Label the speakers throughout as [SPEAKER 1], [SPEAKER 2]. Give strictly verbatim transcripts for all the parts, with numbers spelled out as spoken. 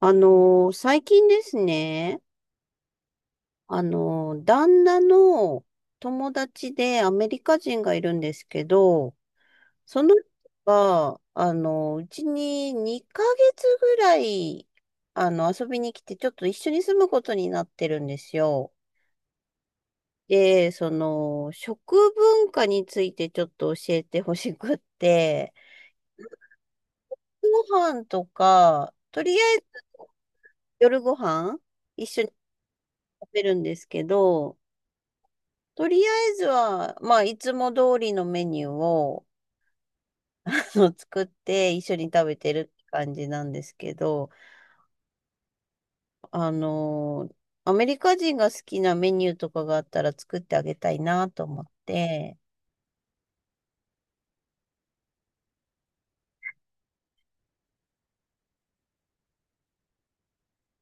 [SPEAKER 1] あのー最近ですね、あのー旦那の友達でアメリカ人がいるんですけど、その人が、あのーうちににかげつぐらい、あの、遊びに来て、ちょっと一緒に住むことになってるんですよ。で、その、食文化についてちょっと教えてほしくって、ご飯とか、とりあえず夜ご飯一緒に食べるんですけど、とりあえずは、まあ、いつも通りのメニューを あの作って一緒に食べてるって感じなんですけど、あのアメリカ人が好きなメニューとかがあったら作ってあげたいなと思って、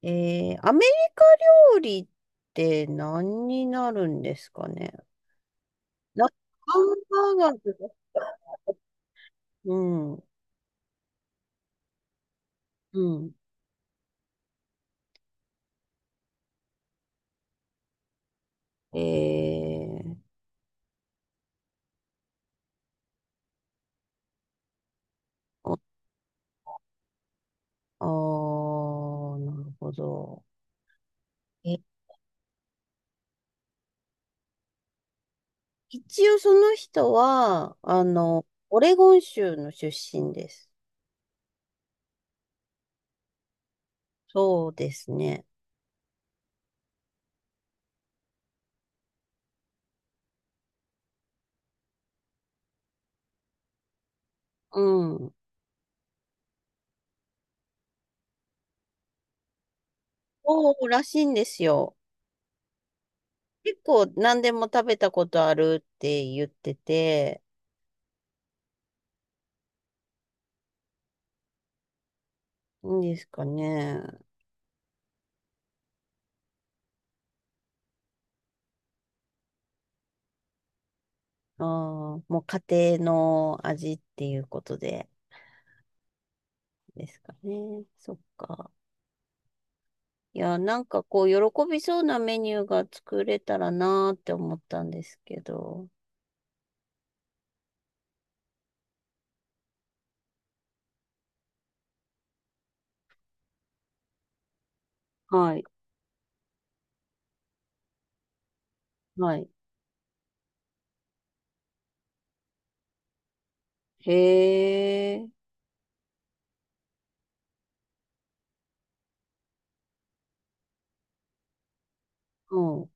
[SPEAKER 1] えー、アメリカ料理って何になるんですかね。な、ハンバーガーとか、うん、うん。えー、おあー、なるほど。え一応その人は、あの、オレゴン州の出身です。そうですね。うん。そうらしいんですよ。結構何でも食べたことあるって言ってて、いいんですかね。ああ、もう家庭の味っていうことでですかね。そっか。いや、なんかこう、喜びそうなメニューが作れたらなーって思ったんですけど。はい。はい。へえ。うん。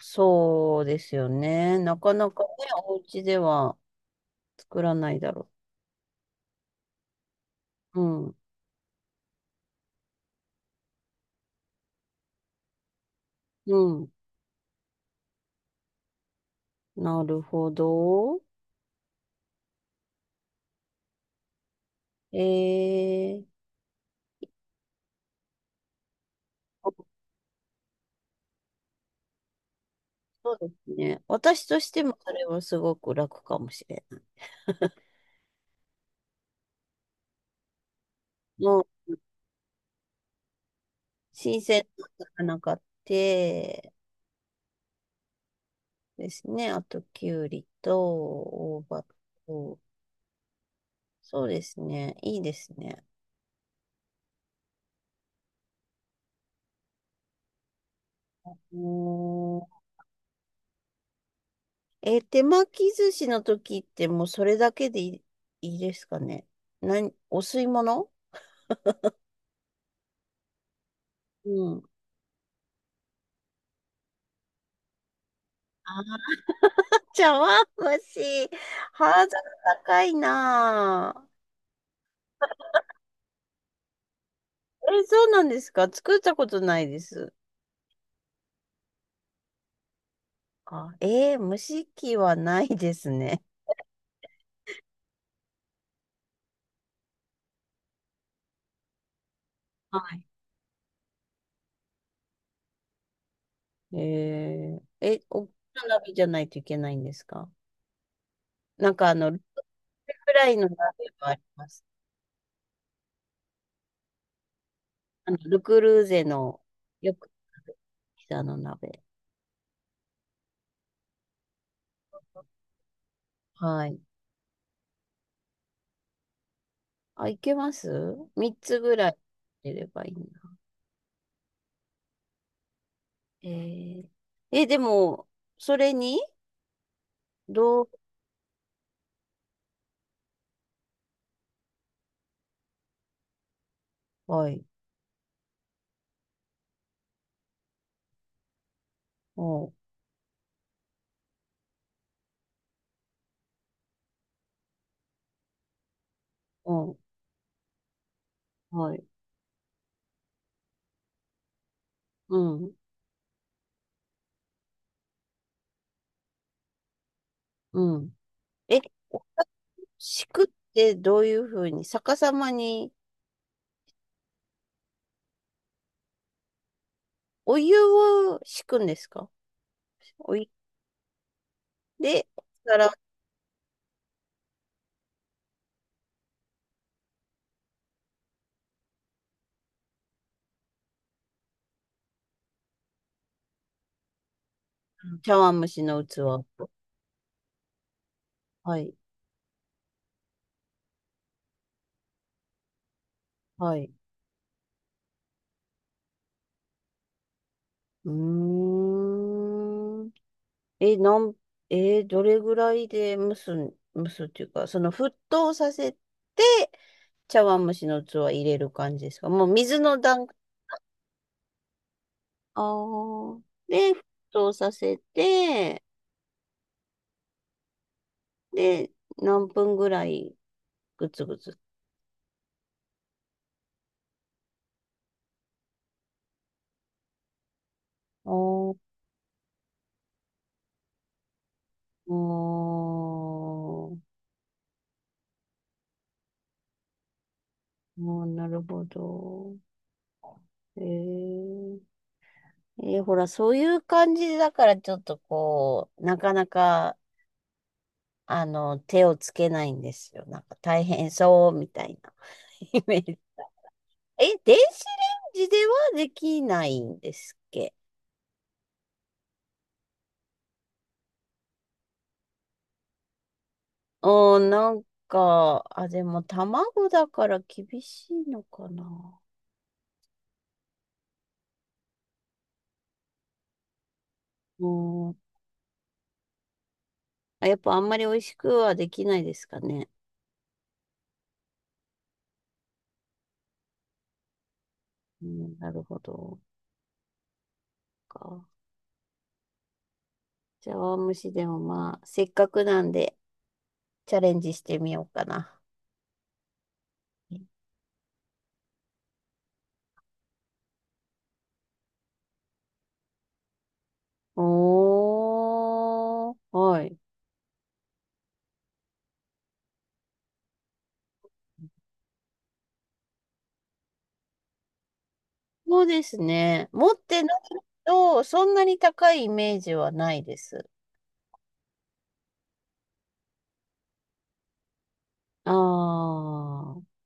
[SPEAKER 1] そうですよね。なかなかね、お家では作らないだろう。うん。うん。なるほど。えー、あそうですね。私としてもそれはすごく楽かもしれない。もう、新鮮な魚買ってですね。あと、きゅうりと、大葉と、そうですね。いいですね。うーんえー手巻き寿司の時ってもうそれだけでいい、いいですかね。何、お吸い物。うん。あ、茶碗蒸し。ハードル高いなあ。え、そうなんですか？作ったことないです。あ、えー、蒸し器はないですね。はい。えー、え、大きな鍋じゃないといけないんですか？なんかあの、ルクフライの鍋もあります。あの、ルクルーゼのよくあるピザの鍋。はい。あ、いけます？ みっ つぐらい入れればいいな。えー、え、でも、それに、どう、はい、おう、おう、はい、うん、うん。え、お湯敷くってどういうふうに、逆さまにお湯を敷くんですか？お湯で、から茶碗蒸しの器。はい、はい。うーん。え、なん、えーどれぐらいで蒸すん、蒸すっていうか、その沸騰させて、茶碗蒸しの器入れる感じですか？もう水の段階。あーで、沸騰させて、で、何分ぐらいぐつぐつ。おー、おー、もうなるほど。えー、えーほら、そういう感じだから、ちょっとこう、なかなか、あの、手をつけないんですよ。なんか大変そうみたいなイメージ。え、電子レンジではできないんですっけ？うなんか、あ、でも卵だから厳しいのかな。うん。あ、やっぱあんまり美味しくはできないですかね。うん、なるほど。か。じゃあ、しでもまあ、せっかくなんでチャレンジしてみようかな。おー、はい。そうですね。持ってないと、そんなに高いイメージはないです。ああ、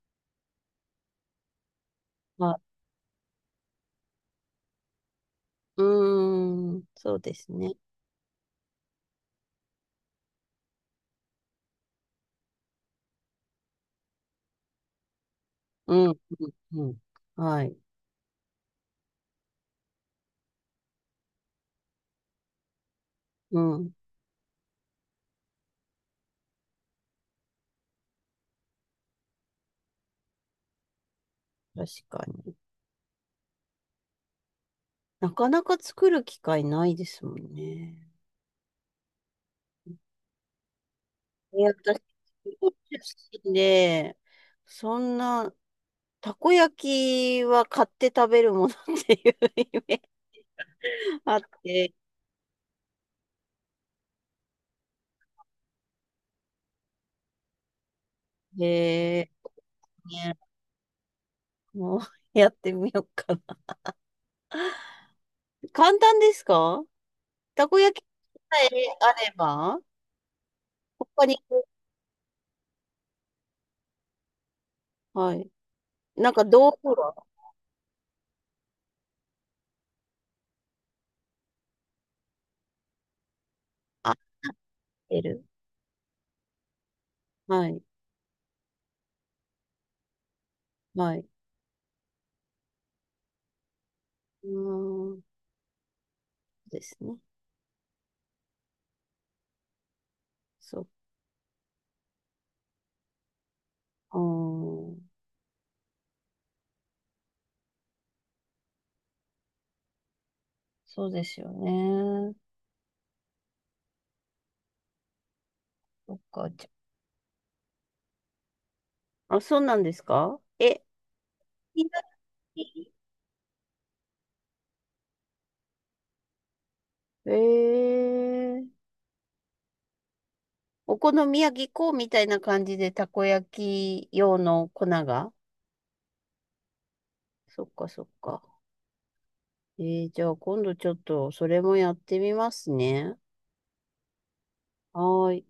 [SPEAKER 1] まあ、うーん、そうですね。うん、うん、うん。はい。うん、確かに。なかなか作る機会ないですもんね。いや、私、地方出身で、そんな、たこ焼きは買って食べるものっていうイメージあって、へえ、ね、もうやってみようかな。簡単ですか？たこ焼きさえあれば他に、はい。なんか道具は、あ、入ってる。はい。はい。うーん。ですね。そっか。そうですよね。そっか。じゃあ、そうなんですか？え、みんな、えー、お好み焼き粉みたいな感じでたこ焼き用の粉が、そっかそっか。えー、じゃあ今度ちょっとそれもやってみますね。はーい。